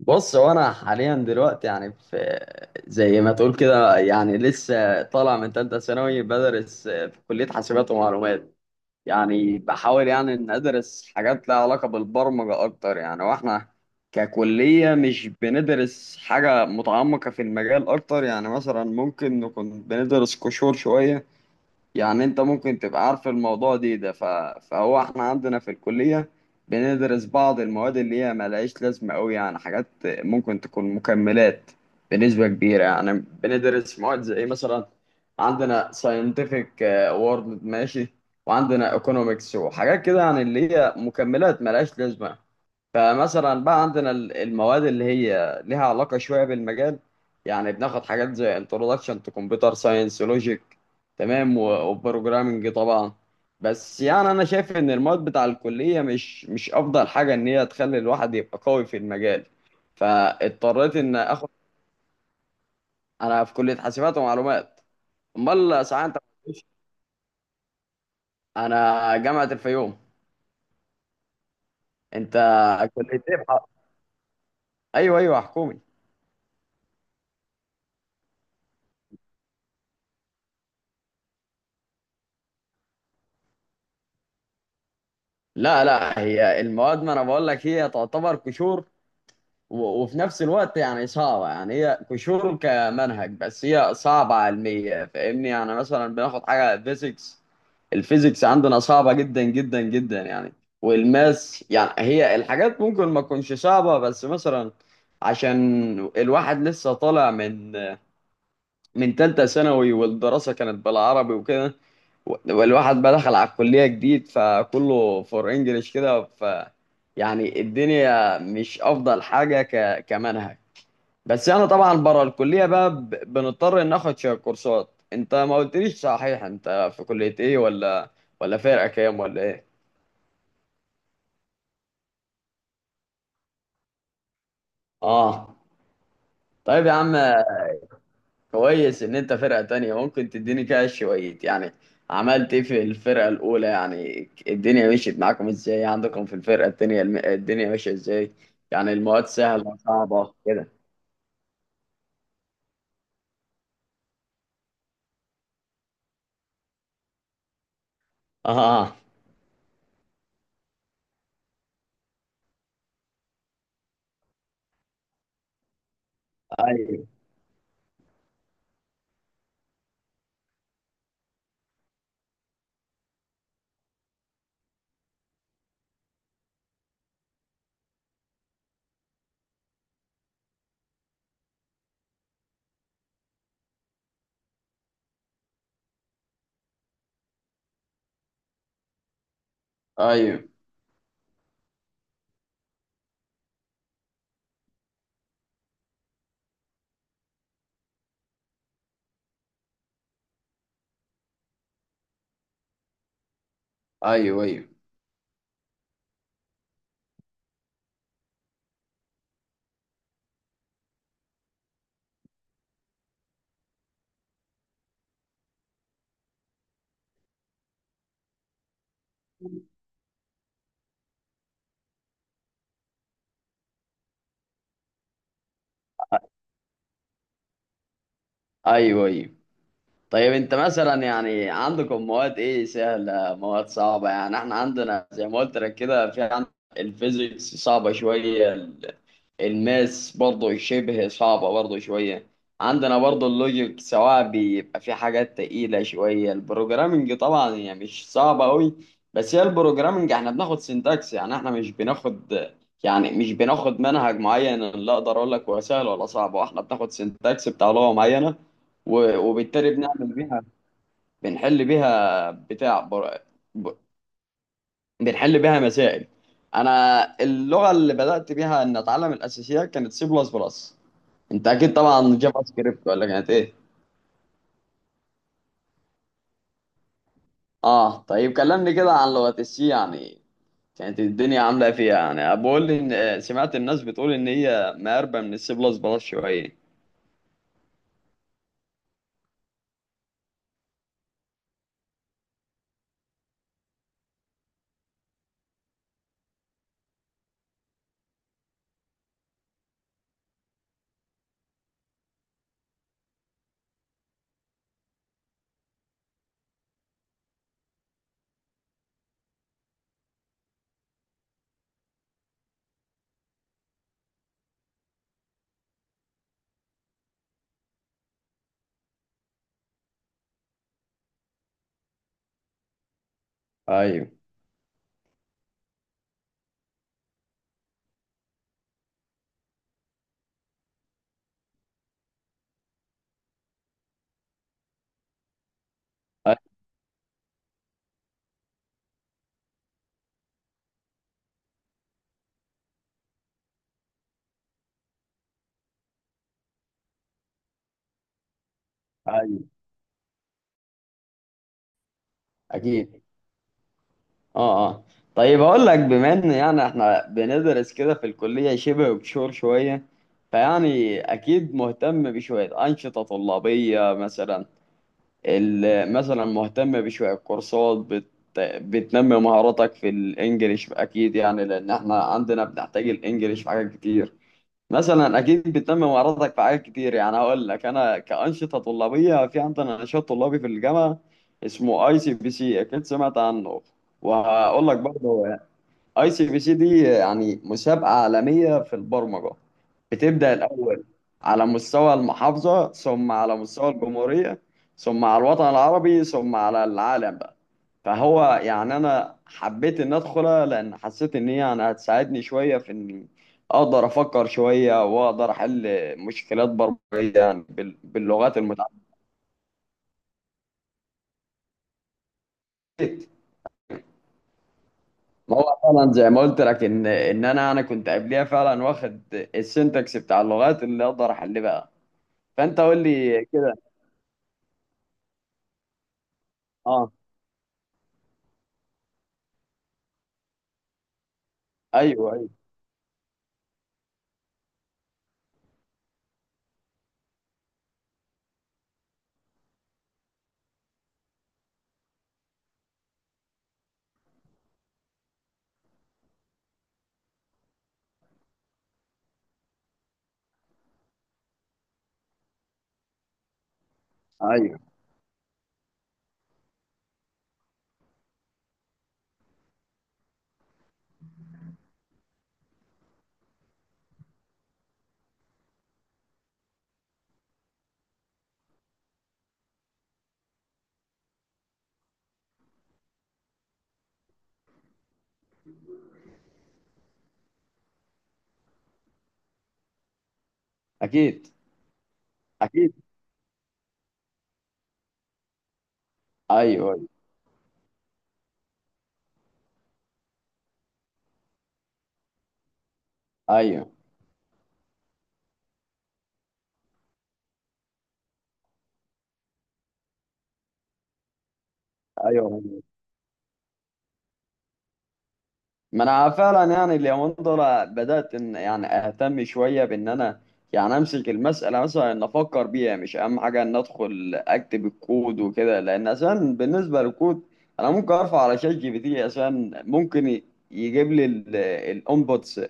بص، هو انا حاليا دلوقتي يعني في زي ما تقول كده يعني لسه طالع من تالتة ثانوي، بدرس في كلية حاسبات ومعلومات. يعني بحاول يعني ان ادرس حاجات لها علاقة بالبرمجة اكتر. يعني واحنا ككلية مش بندرس حاجة متعمقة في المجال اكتر. يعني مثلا ممكن نكون بندرس قشور شوية. يعني انت ممكن تبقى عارف الموضوع فهو احنا عندنا في الكلية بندرس بعض المواد اللي هي ملهاش لازمة قوي. يعني حاجات ممكن تكون مكملات بنسبة كبيرة يعني. بندرس مواد زي مثلا عندنا scientific world، ماشي، وعندنا economics وحاجات كده، يعني اللي هي مكملات ملهاش لازمة. فمثلا بقى عندنا المواد اللي هي ليها علاقة شوية بالمجال. يعني بناخد حاجات زي introduction to computer science logic، تمام، و- وprogramming طبعا. بس يعني انا شايف ان المواد بتاع الكلية مش افضل حاجة ان هي تخلي الواحد يبقى قوي في المجال. فاضطريت ان اخد. انا في كلية حاسبات ومعلومات. امال ساعات انت. انا جامعة الفيوم. انت كلية ايه بقى؟ ايوه ايوه، حكومي. لا لا، هي المواد ما انا بقول لك هي تعتبر قشور، و- وفي نفس الوقت يعني صعبة. يعني هي قشور كمنهج، بس هي صعبة علمية، فاهمني؟ يعني مثلا بناخد حاجة فيزيكس. الفيزيكس عندنا صعبة جدا جدا جدا يعني. والماس يعني، هي الحاجات ممكن ما تكونش صعبة، بس مثلا عشان الواحد لسه طالع من تالتة ثانوي، والدراسة كانت بالعربي وكده، والواحد بقى دخل على الكلية جديد، فكله فور انجلش كده. ف يعني الدنيا مش أفضل حاجة كمنهج. بس أنا طبعا بره الكلية بقى بنضطر ناخد شوية كورسات. أنت ما قلتليش صحيح، أنت في كلية إيه، ولا فرقة كام، ولا إيه؟ آه. طيب يا عم، كويس ان انت فرقة تانية، ممكن تديني كده شوية يعني. عملت ايه في الفرقة الاولى؟ يعني الدنيا مشيت معاكم ازاي؟ عندكم في الفرقة التانية الدنيا ماشية ازاي؟ يعني المواد سهلة، صعبة كده. اه. ايوه ايوه. ايوه ايوه. ايوه ايوه. طيب انت مثلا يعني عندكم مواد ايه سهلة، مواد صعبة؟ يعني احنا عندنا زي ما قلت لك كده، في عندنا الفيزيكس صعبة شوية، الماس برضه شبه صعبة برضه شوية، عندنا برضه اللوجيك سواء بيبقى في حاجات تقيلة شوية. البروجرامنج طبعا هي مش صعبة أوي، بس هي البروجرامنج احنا بناخد سينتاكس. يعني احنا مش بناخد، يعني مش بناخد منهج معين اللي اقدر اقول لك هو سهل ولا صعب. هو احنا بناخد سينتاكس بتاع لغة معينة، و- وبالتالي بنعمل بيها، بنحل بيها ب- بنحل بيها مسائل. انا اللغة اللي بدأت بيها ان اتعلم الاساسيات كانت سي بلس بلس. انت اكيد طبعا جافا سكريبت، ولا كانت ايه؟ اه. طيب كلمني كده عن لغة السي يعني، كانت الدنيا عاملة ايه فيها؟ يعني بقول لي ان آه، سمعت الناس بتقول ان هي مقربة من السي بلس بلس شوية. ايوه ايوه. ايوه. اكيد. اه اه. طيب اقول لك، بما ان يعني احنا بندرس كده في الكلية شبه بشور شوية، فيعني اكيد مهتم بشوية انشطة طلابية مثلا، اللي مثلا مهتم بشوية كورسات بتنمي مهاراتك في الانجليش. اكيد يعني لان احنا عندنا بنحتاج الانجليش في حاجات كتير. مثلا اكيد بتنمي مهاراتك في حاجات كتير. يعني هقول لك انا كأنشطة طلابية، في عندنا نشاط طلابي في الجامعة اسمه اي سي بي سي، اكيد سمعت عنه. وهقول لك برضه اي سي بي سي دي يعني مسابقة عالمية في البرمجة، بتبدأ الأول على مستوى المحافظة، ثم على مستوى الجمهورية، ثم على الوطن العربي، ثم على العالم بقى. فهو يعني أنا حبيت إن أدخلها لأن حسيت إن هي يعني هتساعدني شوية في إني أقدر أفكر شوية، وأقدر أحل مشكلات برمجية يعني باللغات المتعددة. ما هو فعلا زي ما قلت لك إن أنا كنت قبليها فعلا واخد السنتكس بتاع اللغات، اللي أقدر أحل بقى. فأنت قول لي كده. أه. أيوه أيوه. أيوه. اكيد اكيد. ايوه ايوه. ايوه. ما انا فعلا يعني اليومين دول بدات ان يعني اهتم شويه بان انا يعني امسك المساله، مثلا ان افكر بيها، مش اهم حاجه ان ادخل اكتب الكود وكده. لان اساسا بالنسبه للكود انا ممكن ارفع على شات جي بي تي، اساسا ممكن يجيب لي الانبوتس،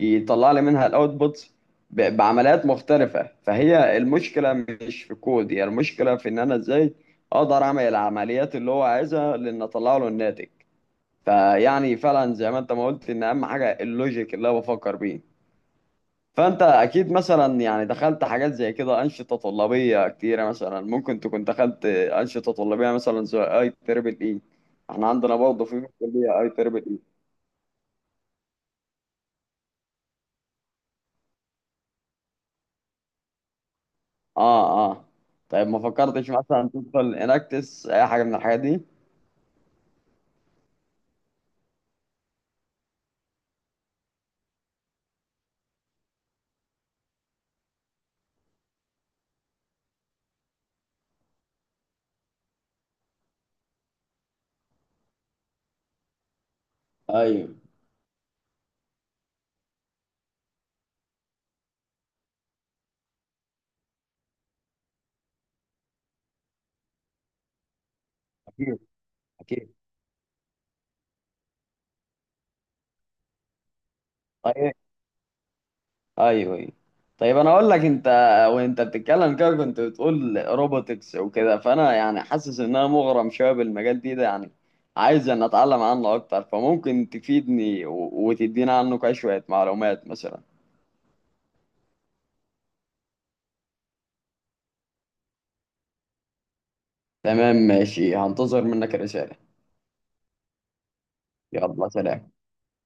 يطلع لي منها الاوتبوتس بعمليات مختلفه. فهي المشكله مش في الكود، هي المشكله في ان انا ازاي اقدر اعمل العمليات اللي هو عايزها لان اطلع له الناتج. فيعني فعلا زي ما انت ما قلت ان اهم حاجه اللوجيك اللي انا بفكر بيه. فانت اكيد مثلا يعني دخلت حاجات زي كده انشطه طلابيه كتيره. مثلا ممكن تكون دخلت انشطه طلابيه مثلا زي اي تربل اي، احنا عندنا برضه في كليه اي تربل اي. اه اه. طيب ما فكرتش مثلا تدخل اناكتس اي حاجه من الحاجات دي؟ ايوه. أكيد أكيد. طيب. ايوه ايوه. طيب انا اقول لك، انت وانت بتتكلم كده كنت بتقول روبوتكس وكده، فانا يعني حاسس ان انا مغرم شويه بالمجال ده يعني. عايز ان اتعلم عنه اكتر، فممكن تفيدني و- وتدينا عنه كده شويه معلومات مثلا. تمام ماشي، هنتظر منك رساله. يلا سلام.